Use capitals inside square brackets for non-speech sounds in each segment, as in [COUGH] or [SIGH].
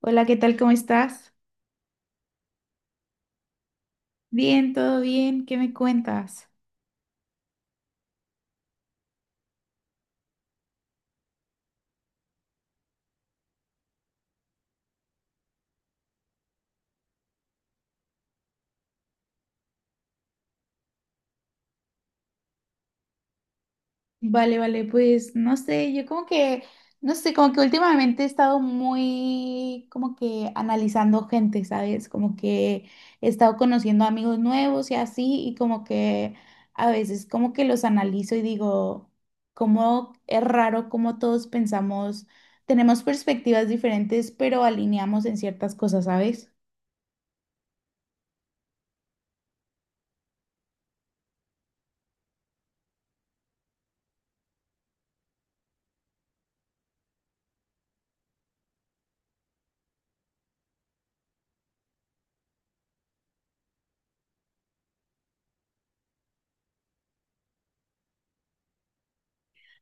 Hola, ¿qué tal? ¿Cómo estás? Bien, todo bien. ¿Qué me cuentas? Vale, vale, pues no sé, yo como que, no sé, como que últimamente he estado muy como que analizando gente, ¿sabes? Como que he estado conociendo amigos nuevos y así, y como que a veces como que los analizo y digo, cómo es raro cómo todos pensamos, tenemos perspectivas diferentes, pero alineamos en ciertas cosas, ¿sabes?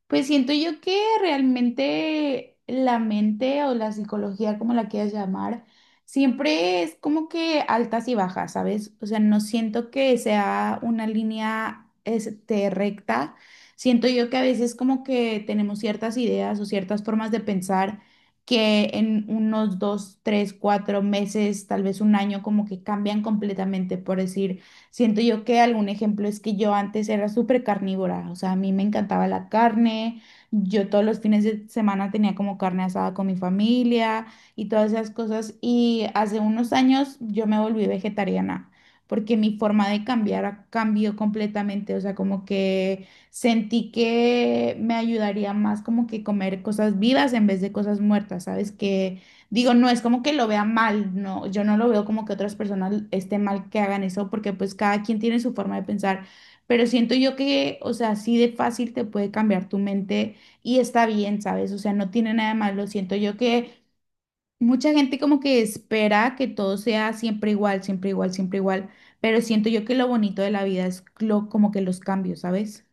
Pues siento yo que realmente la mente o la psicología, como la quieras llamar, siempre es como que altas y bajas, ¿sabes? O sea, no siento que sea una línea este, recta. Siento yo que a veces como que tenemos ciertas ideas o ciertas formas de pensar que en unos 2, 3, 4 meses, tal vez un año, como que cambian completamente, por decir. Siento yo que algún ejemplo es que yo antes era súper carnívora, o sea, a mí me encantaba la carne, yo todos los fines de semana tenía como carne asada con mi familia y todas esas cosas y hace unos años yo me volví vegetariana porque mi forma de cambió completamente, o sea, como que sentí que me ayudaría más como que comer cosas vivas en vez de cosas muertas, ¿sabes? Que Digo, no es como que lo vea mal, no, yo no lo veo como que otras personas esté mal que hagan eso, porque pues cada quien tiene su forma de pensar, pero siento yo que, o sea, así de fácil te puede cambiar tu mente y está bien, ¿sabes? O sea, no tiene nada de malo, siento yo que mucha gente como que espera que todo sea siempre igual, siempre igual, siempre igual, pero siento yo que lo bonito de la vida es lo, como que los cambios, ¿sabes?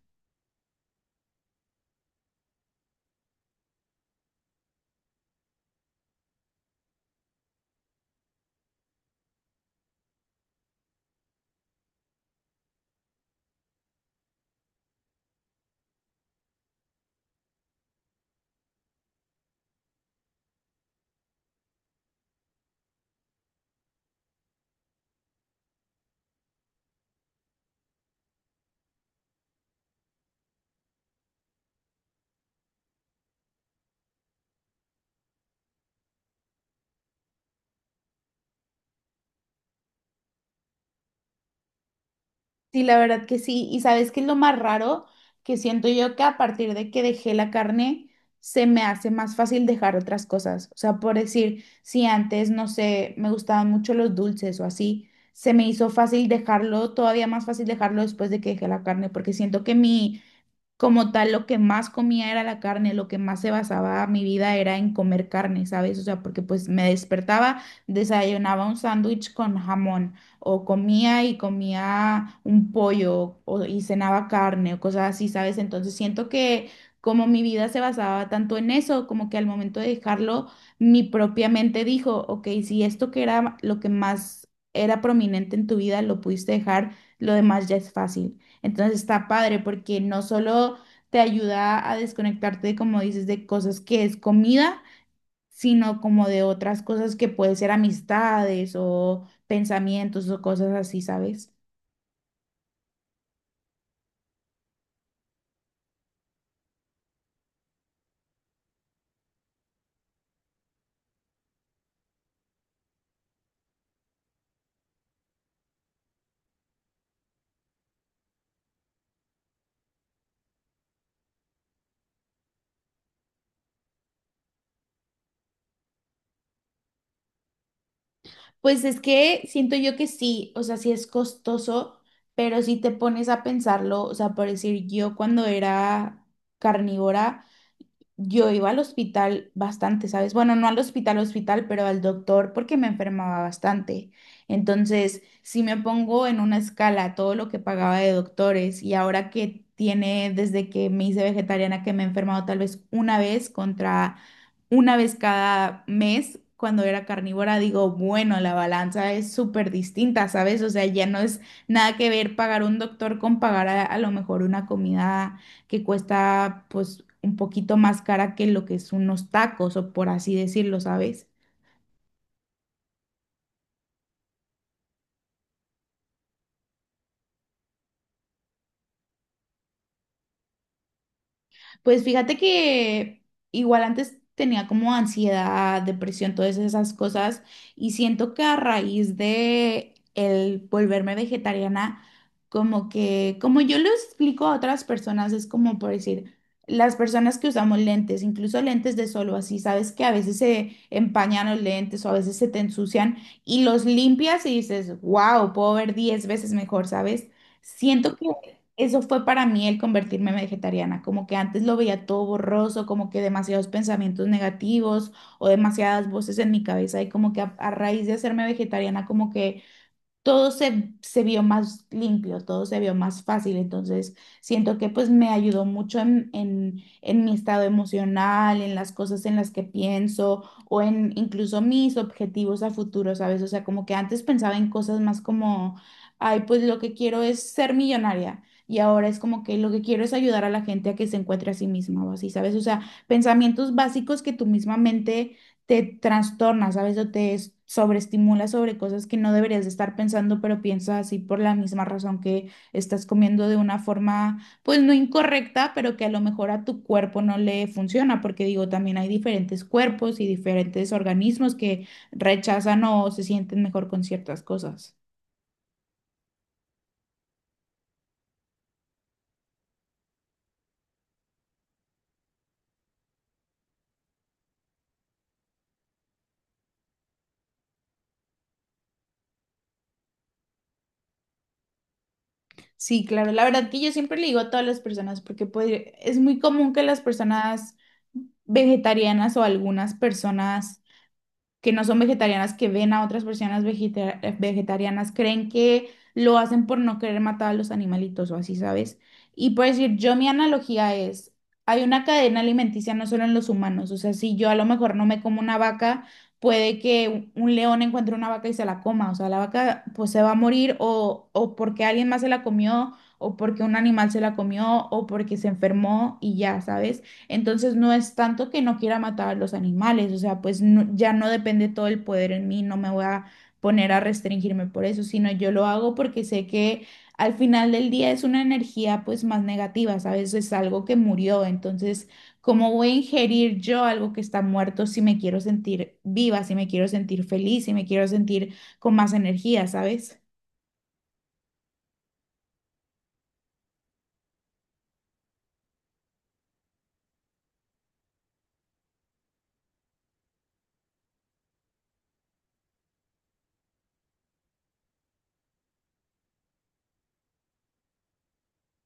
Sí, la verdad que sí. Y sabes qué es lo más raro que siento yo que a partir de que dejé la carne, se me hace más fácil dejar otras cosas. O sea, por decir, si antes, no sé, me gustaban mucho los dulces o así, se me hizo fácil dejarlo, todavía más fácil dejarlo después de que dejé la carne, porque siento que mi como tal, lo que más comía era la carne, lo que más se basaba mi vida era en comer carne, ¿sabes? O sea, porque pues me despertaba, desayunaba un sándwich con jamón, o comía y comía un pollo, o, y cenaba carne, o cosas así, ¿sabes? Entonces siento que como mi vida se basaba tanto en eso, como que al momento de dejarlo, mi propia mente dijo, ok, si esto que era lo que más era prominente en tu vida lo pudiste dejar, lo demás ya es fácil. Entonces está padre porque no solo te ayuda a desconectarte, como dices, de cosas que es comida, sino como de otras cosas que puede ser amistades o pensamientos o cosas así, ¿sabes? Pues es que siento yo que sí, o sea, sí es costoso, pero si te pones a pensarlo, o sea, por decir yo cuando era carnívora, yo iba al hospital bastante, ¿sabes? Bueno, no al hospital, hospital, pero al doctor porque me enfermaba bastante. Entonces, si me pongo en una escala todo lo que pagaba de doctores y ahora que tiene desde que me hice vegetariana que me he enfermado tal vez una vez contra una vez cada mes cuando era carnívora, digo, bueno, la balanza es súper distinta, ¿sabes? O sea, ya no es nada que ver pagar un doctor con pagar a lo mejor una comida que cuesta pues un poquito más cara que lo que son unos tacos o por así decirlo, ¿sabes? Pues fíjate que igual antes tenía como ansiedad, depresión, todas esas cosas, y siento que a raíz de el volverme vegetariana, como que, como yo lo explico a otras personas, es como por decir, las personas que usamos lentes, incluso lentes de sol o así, sabes que a veces se empañan los lentes o a veces se te ensucian y los limpias y dices, wow, puedo ver 10 veces mejor, ¿sabes? Siento que eso fue para mí el convertirme en vegetariana, como que antes lo veía todo borroso, como que demasiados pensamientos negativos o demasiadas voces en mi cabeza y como que a raíz de hacerme vegetariana, como que todo se vio más limpio, todo se vio más fácil. Entonces, siento que pues me ayudó mucho en mi estado emocional, en las cosas en las que pienso o en incluso mis objetivos a futuro, ¿sabes? O sea, como que antes pensaba en cosas más como, ay, pues lo que quiero es ser millonaria. Y ahora es como que lo que quiero es ayudar a la gente a que se encuentre a sí misma o así, ¿sabes? O sea, pensamientos básicos que tu misma mente te trastornas, ¿sabes? Sobreestimulas sobre cosas que no deberías de estar pensando, pero piensas así por la misma razón que estás comiendo de una forma, pues no incorrecta, pero que a lo mejor a tu cuerpo no le funciona, porque digo, también hay diferentes cuerpos y diferentes organismos que rechazan o se sienten mejor con ciertas cosas. Sí, claro, la verdad que yo siempre le digo a todas las personas, porque pues, es muy común que las personas vegetarianas o algunas personas que no son vegetarianas, que ven a otras personas vegetarianas, creen que lo hacen por no querer matar a los animalitos o así, ¿sabes? Y por decir, yo mi analogía es, hay una cadena alimenticia no solo en los humanos, o sea, si yo a lo mejor no me como una vaca, puede que un león encuentre una vaca y se la coma, o sea, la vaca pues se va a morir o porque alguien más se la comió, o porque un animal se la comió, o porque se enfermó y ya, ¿sabes? Entonces no es tanto que no quiera matar a los animales, o sea, ya no depende todo el poder en mí, no me voy a poner a restringirme por eso, sino yo lo hago porque sé que al final del día es una energía pues más negativa, ¿sabes? Es algo que murió, entonces, ¿cómo voy a ingerir yo algo que está muerto si me quiero sentir viva, si me quiero sentir feliz, si me quiero sentir con más energía, ¿sabes?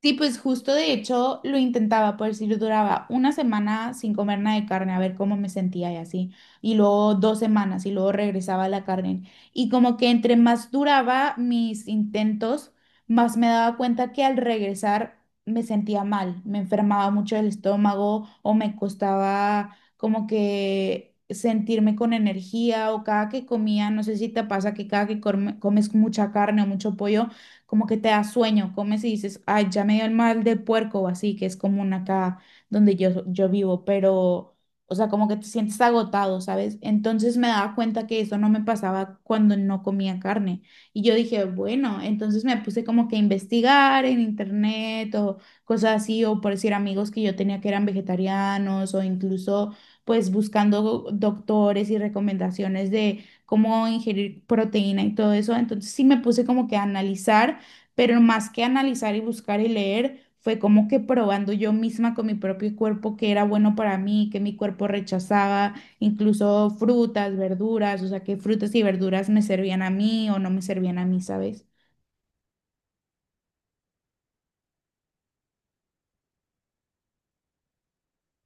Sí, pues justo de hecho lo intentaba, por decir, duraba una semana sin comer nada de carne, a ver cómo me sentía y así, y luego 2 semanas y luego regresaba a la carne. Y como que entre más duraba mis intentos, más me daba cuenta que al regresar me sentía mal, me enfermaba mucho el estómago o me costaba como que sentirme con energía o cada que comía, no sé si te pasa que cada que comes mucha carne o mucho pollo como que te da sueño, comes y dices, ay, ya me dio el mal del puerco o así, que es común acá donde yo vivo, pero, o sea, como que te sientes agotado, ¿sabes? Entonces me daba cuenta que eso no me pasaba cuando no comía carne. Y yo dije, bueno, entonces me puse como que a investigar en internet o cosas así, o por decir amigos que yo tenía que eran vegetarianos o incluso pues buscando doctores y recomendaciones de cómo ingerir proteína y todo eso. Entonces sí me puse como que a analizar, pero más que analizar y buscar y leer, fue como que probando yo misma con mi propio cuerpo que era bueno para mí, que mi cuerpo rechazaba, incluso frutas, verduras, o sea, que frutas y verduras me servían a mí o no me servían a mí, ¿sabes?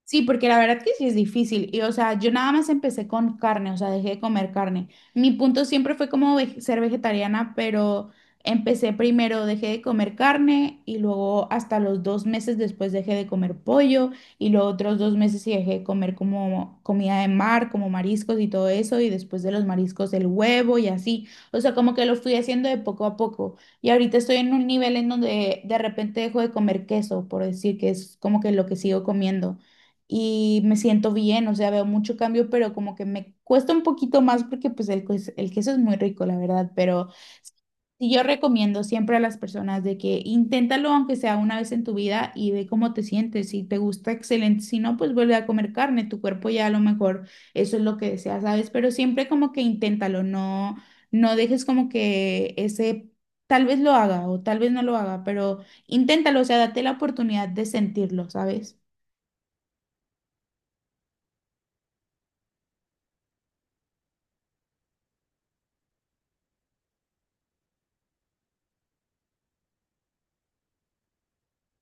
Sí, porque la verdad que sí es difícil. Y o sea, yo nada más empecé con carne, o sea, dejé de comer carne. Mi punto siempre fue como ser vegetariana, pero empecé primero, dejé de comer carne y luego hasta los 2 meses después dejé de comer pollo y los otros 2 meses sí dejé de comer como comida de mar, como mariscos y todo eso y después de los mariscos el huevo y así. O sea, como que lo fui haciendo de poco a poco. Y ahorita estoy en un nivel en donde de repente dejo de comer queso, por decir que es como que lo que sigo comiendo y me siento bien, o sea, veo mucho cambio, pero como que me cuesta un poquito más porque pues el queso es muy rico, la verdad, pero sí yo recomiendo siempre a las personas de que inténtalo aunque sea una vez en tu vida y ve cómo te sientes, si te gusta, excelente, si no, pues vuelve a comer carne, tu cuerpo ya a lo mejor eso es lo que desea, ¿sabes? Pero siempre como que inténtalo, no, no dejes como que ese... Tal vez lo haga o tal vez no lo haga, pero inténtalo, o sea, date la oportunidad de sentirlo, ¿sabes?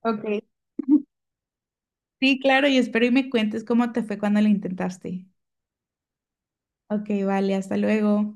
Ok. [LAUGHS] Sí, claro, y espero y me cuentes cómo te fue cuando lo intentaste. Ok, vale, hasta luego.